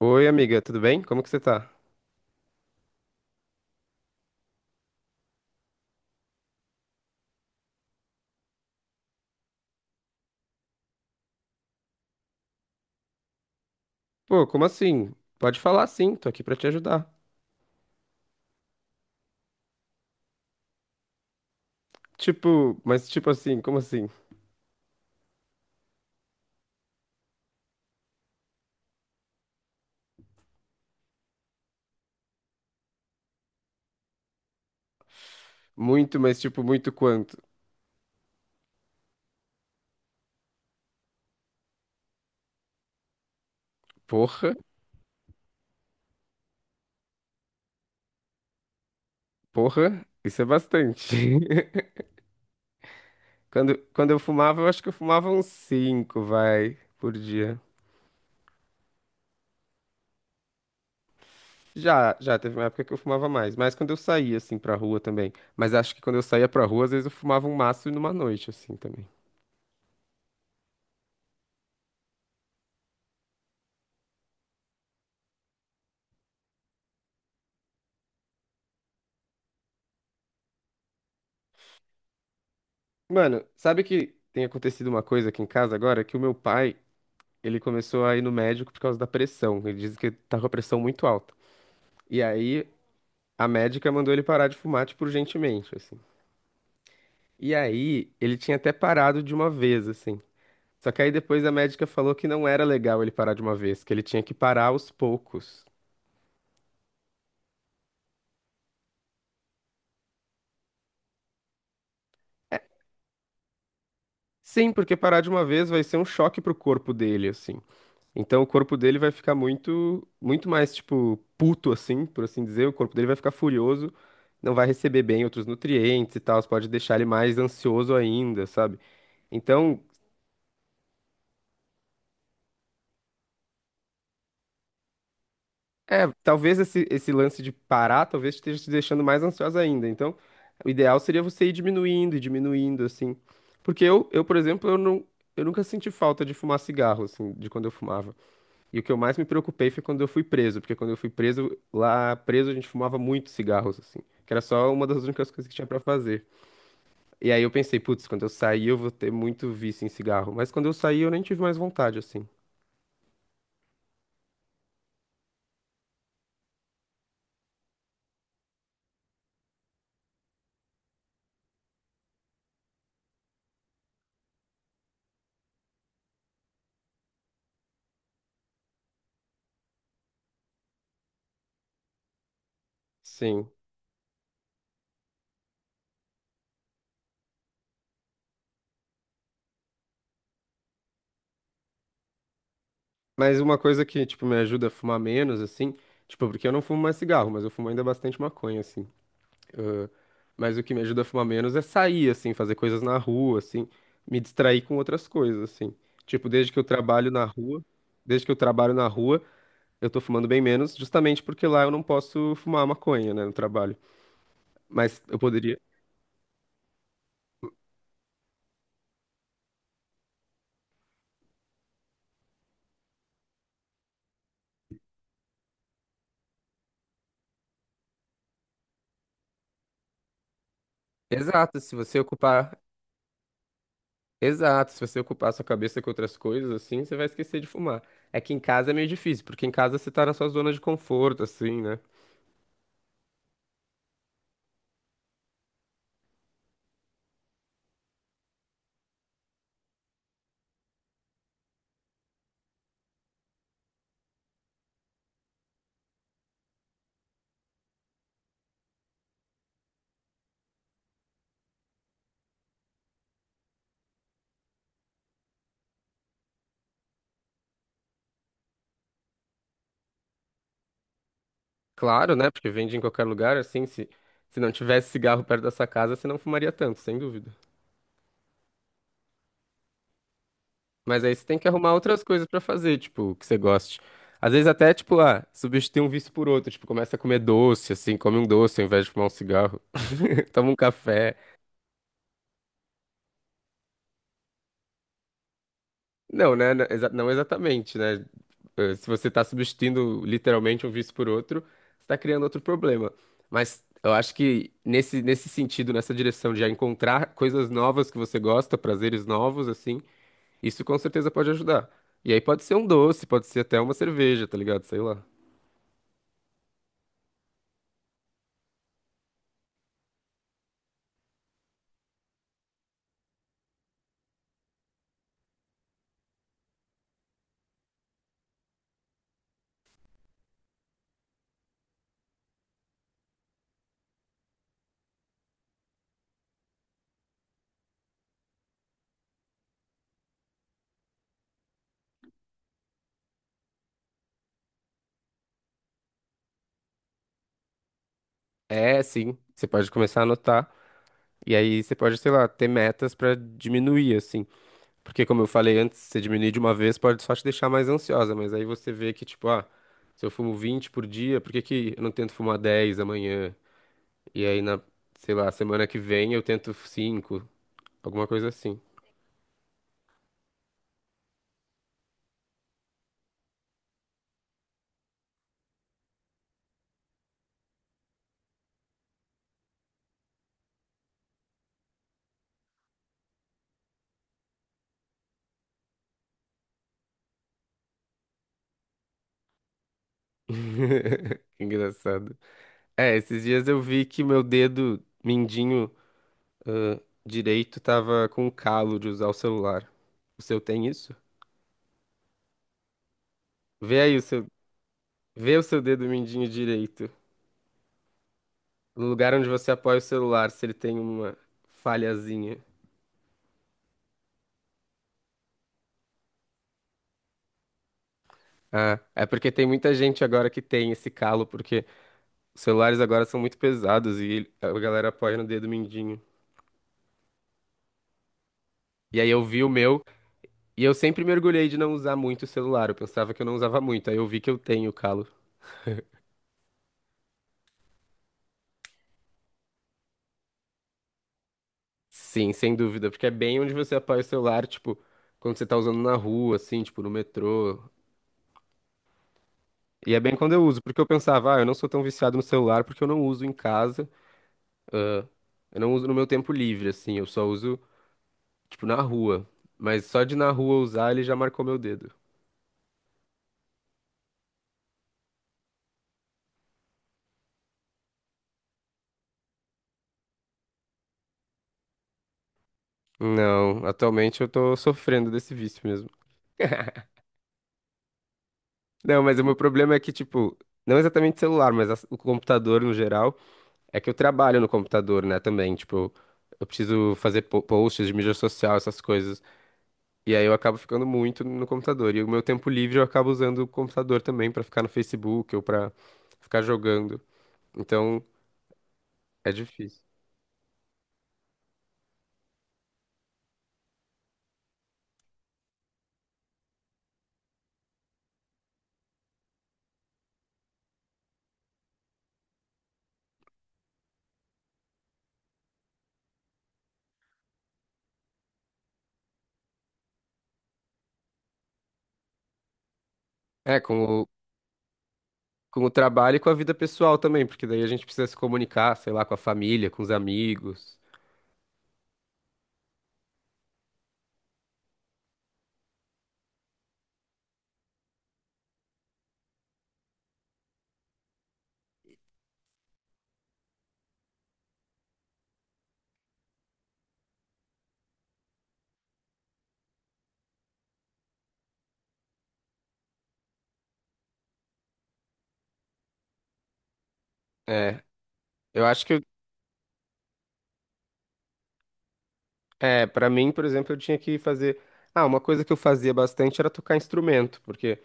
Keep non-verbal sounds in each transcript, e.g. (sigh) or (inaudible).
Oi, amiga, tudo bem? Como que você tá? Pô, como assim? Pode falar sim, tô aqui pra te ajudar. Tipo, mas tipo assim, como assim? Muito, mas tipo, muito quanto? Porra, porra, isso é bastante. (laughs) Quando eu fumava, eu acho que eu fumava uns cinco, vai, por dia. Já, já, teve uma época que eu fumava mais, mas quando eu saía, assim, pra rua também. Mas acho que quando eu saía pra rua, às vezes eu fumava um maço numa noite, assim, também. Mano, sabe que tem acontecido uma coisa aqui em casa agora? Que o meu pai, ele começou a ir no médico por causa da pressão. Ele diz que tá com a pressão muito alta. E aí a médica mandou ele parar de fumar, tipo, urgentemente, assim. E aí ele tinha até parado de uma vez, assim. Só que aí depois a médica falou que não era legal ele parar de uma vez, que ele tinha que parar aos poucos. É, sim, porque parar de uma vez vai ser um choque pro corpo dele, assim. Então o corpo dele vai ficar muito, muito mais, tipo, puto, assim, por assim dizer. O corpo dele vai ficar furioso, não vai receber bem outros nutrientes e tal. Pode deixar ele mais ansioso ainda, sabe? Então, é, talvez esse lance de parar, talvez esteja te deixando mais ansiosa ainda. Então, o ideal seria você ir diminuindo e diminuindo, assim. Porque eu, por exemplo, eu nunca senti falta de fumar cigarro, assim, de quando eu fumava. E o que eu mais me preocupei foi quando eu fui preso, porque quando eu fui preso, lá preso a gente fumava muito cigarros, assim, que era só uma das únicas coisas que tinha pra fazer. E aí eu pensei, putz, quando eu sair eu vou ter muito vício em cigarro. Mas quando eu saí eu nem tive mais vontade, assim. Sim. Mas uma coisa que, tipo, me ajuda a fumar menos, assim, tipo, porque eu não fumo mais cigarro, mas eu fumo ainda bastante maconha, assim. Ah, mas o que me ajuda a fumar menos é sair, assim, fazer coisas na rua, assim, me distrair com outras coisas, assim. Tipo, desde que eu trabalho na rua, Desde que eu trabalho na rua, eu tô fumando bem menos, justamente porque lá eu não posso fumar maconha, né, no trabalho. Mas eu poderia. Exato, se você ocupar. Exato, se você ocupar a sua cabeça com outras coisas, assim, você vai esquecer de fumar. É que em casa é meio difícil, porque em casa você tá na sua zona de conforto, assim, né? Claro, né? Porque vende em qualquer lugar, assim, se não tivesse cigarro perto da sua casa, você não fumaria tanto, sem dúvida. Mas aí você tem que arrumar outras coisas pra fazer, tipo, que você goste. Às vezes até, tipo, ah, substitui um vício por outro, tipo, começa a comer doce, assim, come um doce ao invés de fumar um cigarro. (laughs) Toma um café. Não, né? Não exatamente, né? Se você tá substituindo literalmente um vício por outro, você tá criando outro problema. Mas eu acho que nesse sentido, nessa direção de já encontrar coisas novas que você gosta, prazeres novos, assim, isso com certeza pode ajudar. E aí pode ser um doce, pode ser até uma cerveja, tá ligado? Sei lá. É, sim. Você pode começar a anotar. E aí você pode, sei lá, ter metas pra diminuir, assim. Porque, como eu falei antes, você diminuir de uma vez pode só te deixar mais ansiosa. Mas aí você vê que, tipo, ah, se eu fumo 20 por dia, por que que eu não tento fumar 10 amanhã? E aí, sei lá, semana que vem eu tento cinco, alguma coisa assim. (laughs) Que engraçado. É, esses dias eu vi que meu dedo mindinho, ãh, direito tava com calo de usar o celular. O seu tem isso? Vê aí o seu Vê o seu dedo mindinho direito, no lugar onde você apoia o celular, se ele tem uma falhazinha. Ah, é porque tem muita gente agora que tem esse calo, porque os celulares agora são muito pesados e a galera apoia no dedo mindinho. E aí eu vi o meu, e eu sempre mergulhei de não usar muito o celular, eu pensava que eu não usava muito, aí eu vi que eu tenho o calo. Sim, sem dúvida, porque é bem onde você apoia o celular, tipo, quando você tá usando na rua, assim, tipo, no metrô. E é bem quando eu uso, porque eu pensava, ah, eu não sou tão viciado no celular porque eu não uso em casa. Eu não uso no meu tempo livre, assim, eu só uso, tipo, na rua. Mas só de na rua usar ele já marcou meu dedo. Não, atualmente eu tô sofrendo desse vício mesmo. Não, mas o meu problema é que, tipo, não exatamente celular, mas o computador no geral, é que eu trabalho no computador, né, também. Tipo, eu preciso fazer posts de mídia social, essas coisas. E aí eu acabo ficando muito no computador. E o meu tempo livre eu acabo usando o computador também pra ficar no Facebook ou pra ficar jogando. Então, é difícil. É, com Com o trabalho e com a vida pessoal também, porque daí a gente precisa se comunicar, sei lá, com a família, com os amigos. É, eu acho é, para mim, por exemplo, eu tinha que fazer. Ah, uma coisa que eu fazia bastante era tocar instrumento, porque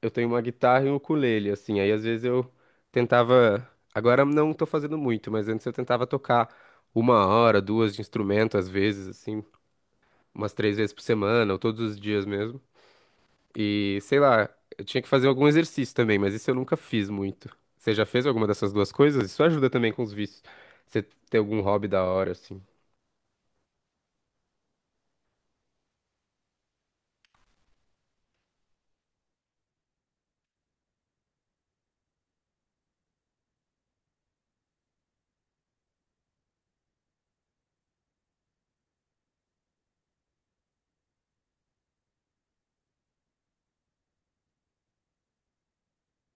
eu tenho uma guitarra e um ukulele, assim, aí às vezes eu tentava. Agora eu não tô fazendo muito, mas antes eu tentava tocar 1 hora, 2 de instrumento, às vezes, assim, umas 3 vezes por semana, ou todos os dias mesmo. E sei lá, eu tinha que fazer algum exercício também, mas isso eu nunca fiz muito. Você já fez alguma dessas duas coisas? Isso ajuda também com os vícios. Você ter algum hobby da hora, assim.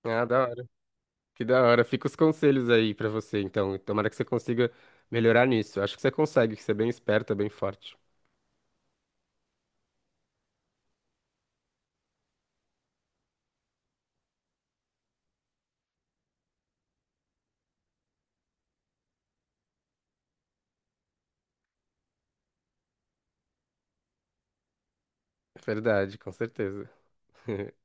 Ah, da hora. Que da hora. Fica os conselhos aí pra você, então. Tomara que você consiga melhorar nisso. Acho que você consegue, que você é bem esperta, bem forte. Verdade, com certeza. (laughs)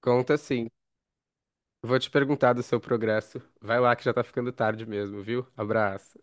Conta sim. Vou te perguntar do seu progresso. Vai lá que já tá ficando tarde mesmo, viu? Abraço.